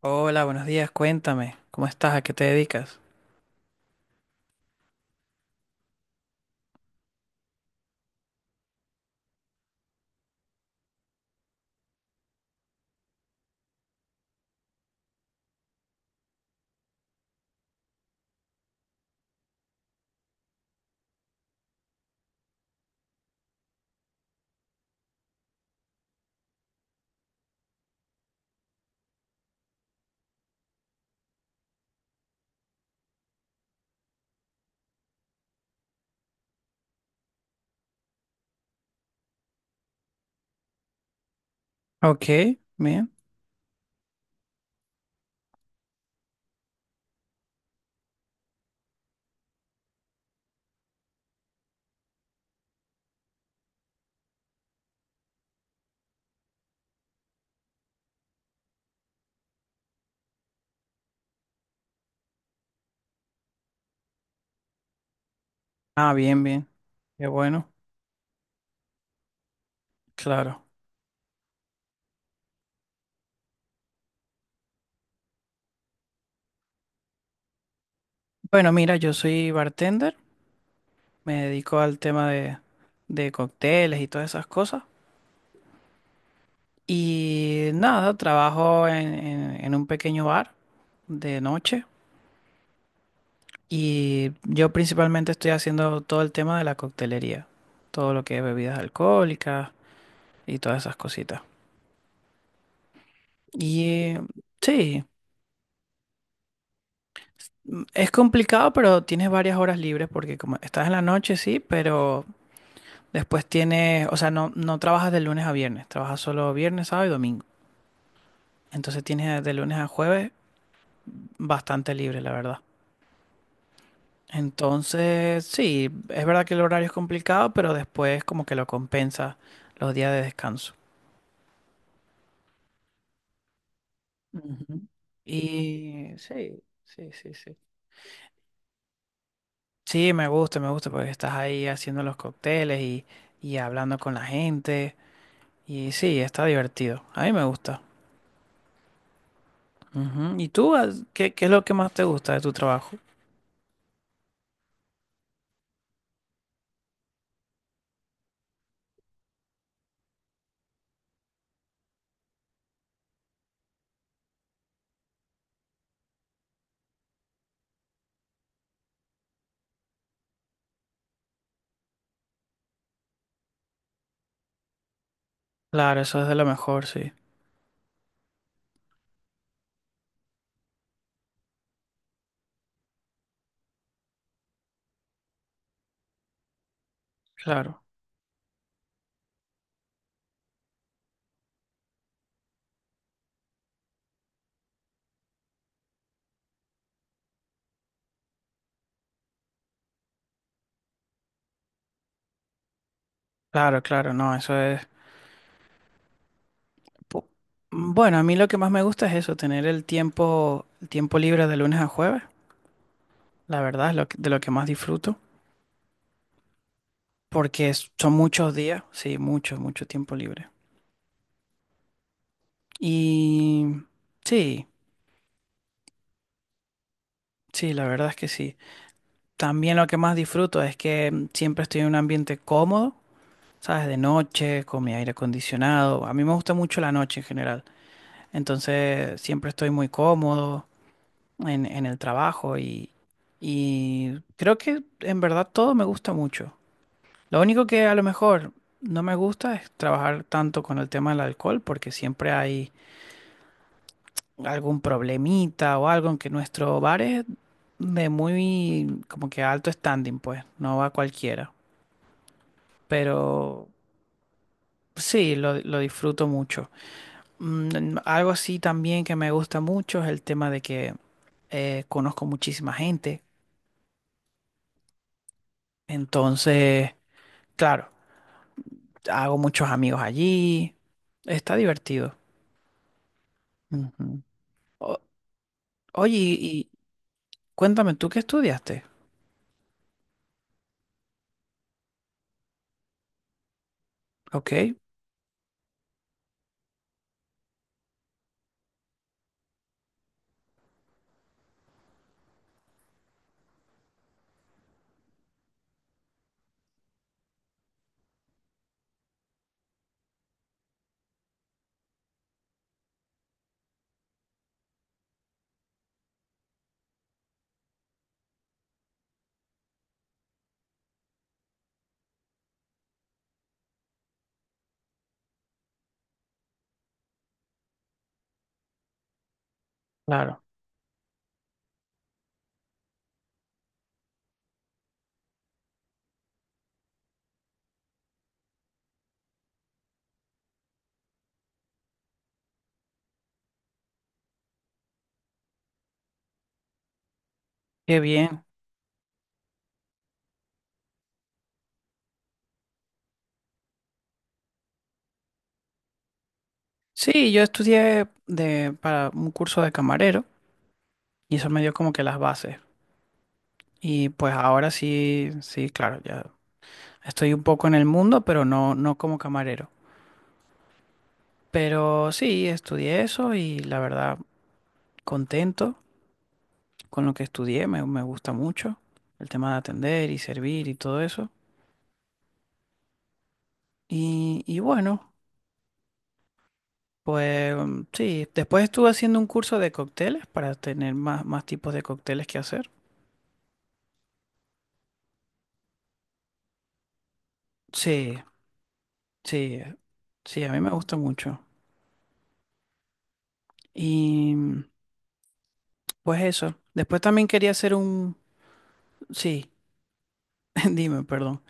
Hola, buenos días, cuéntame, ¿cómo estás? ¿A qué te dedicas? Ok, bien. Ah, bien, bien. Qué bueno, claro. Bueno, mira, yo soy bartender, me dedico al tema de cócteles y todas esas cosas. Y nada, trabajo en, en un pequeño bar de noche y yo principalmente estoy haciendo todo el tema de la coctelería, todo lo que es bebidas alcohólicas y todas esas cositas. Y eh, sí, es complicado, pero tienes varias horas libres porque como estás en la noche, sí, pero después tienes, o sea, no, no trabajas de lunes a viernes, trabajas solo viernes, sábado y domingo. Entonces tienes de lunes a jueves bastante libre, la verdad. Entonces, sí, es verdad que el horario es complicado, pero después como que lo compensa los días de descanso. Ujú. Y sí, sí, sí, sí. Sí, me gusta porque estás ahí haciendo los cócteles y hablando con la gente. Y sí, está divertido. A mí me gusta. Ujú. ¿Y tú, ah, qué, qué es lo que más te gusta de tu trabajo? Claro, eso es de lo mejor, sí. Claro, claro, claro, no, eso es... pu- Bueno, a mí lo que más me gusta es eso, tener el tiempo libre de lunes a jueves. La verdad es lo de lo que más disfruto, porque son muchos días, sí, mucho, mucho tiempo libre. Y sí, sí, la verdad es que sí. También lo que más disfruto es que siempre estoy en un ambiente cómodo. ¿Sabes? De noche, con mi aire acondicionado. A mí me gusta mucho la noche en general. Entonces siempre estoy muy cómodo en el trabajo y creo que en verdad todo me gusta mucho. Lo único que a lo mejor no me gusta es trabajar tanto con el tema del alcohol porque siempre hay algún problemita o algo en que nuestro bar es de muy como que alto standing, pues, no va cualquiera. Pero sí, lo disfruto mucho. Algo así también que me gusta mucho es el tema de que conozco muchísima gente. Entonces, claro, hago muchos amigos allí. Está divertido. Ujú. O- oye, y cuéntame, ¿tú qué estudiaste? Ok, claro. Qué bien. Sí, yo estudié de, para un curso de camarero y eso me dio como que las bases. Y pues ahora sí, sí, claro, ya estoy un poco en el mundo, pero no, no como camarero. Pero sí, estudié eso y la verdad, contento con lo que estudié, me gusta mucho el tema de atender y servir y todo eso. Y bueno, pues sí, después estuve haciendo un curso de cócteles para tener más, más tipos de cócteles que hacer. Sí, sí, sí, a mí me gusta mucho. Y pues eso. Después también quería hacer un... Sí, dime, perdón.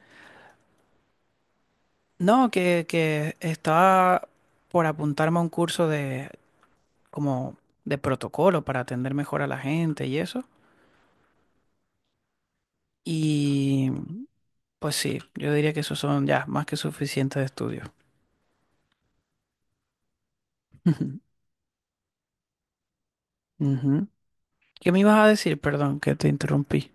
No, que estaba por apuntarme a un curso de, como de protocolo para atender mejor a la gente y eso. Y pues sí, yo diría que esos son ya más que suficientes estudios. Ujú. ¿Qué me ibas a decir? Perdón, que te interrumpí.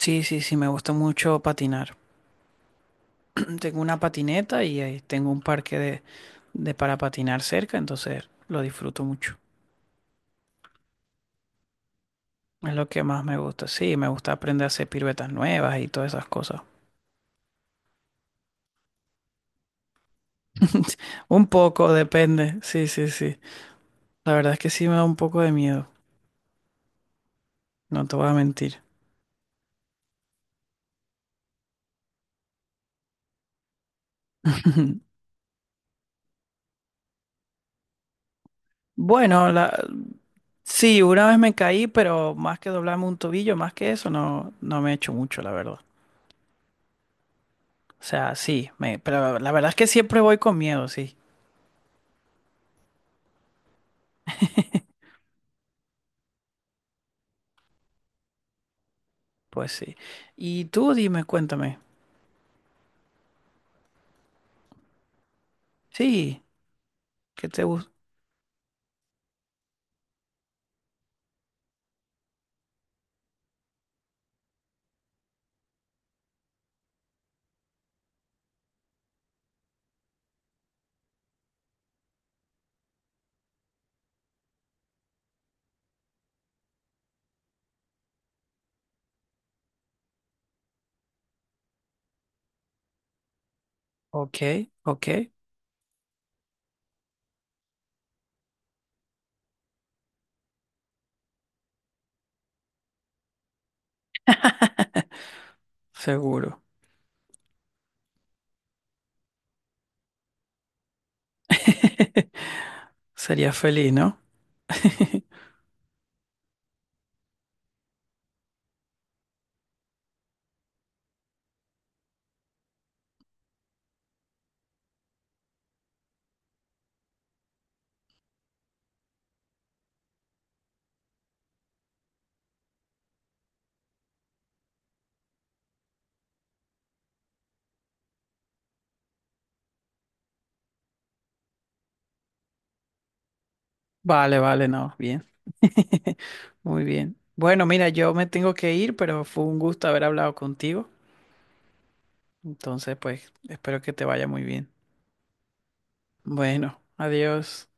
Sí, sí, sí, me gusta mucho patinar. Tengo una patineta y ahí tengo un parque de para patinar cerca, entonces lo disfruto mucho. Es lo que más me gusta. Sí, me gusta aprender a hacer piruetas nuevas y todas esas cosas. Un poco, depende. Sí, sí, sí. La verdad es que sí me da un poco de miedo. No te voy a mentir. Bueno, la, sí, una vez me caí, pero más que doblarme un tobillo, más que eso, no, no me he hecho mucho, la verdad. O sea, sí, me, pero la verdad es que siempre voy con miedo, sí. Pues sí. Y tú dime, cuéntame. Sí, ¿qué te gusta? Ok, ok, seguro. Sería feliz, ¿no? Vale, vale, no, bien. Muy bien. Bueno, mira, yo me tengo que ir, pero fue un gusto haber hablado contigo. Entonces, pues, espero que te vaya muy bien. Bueno, adiós.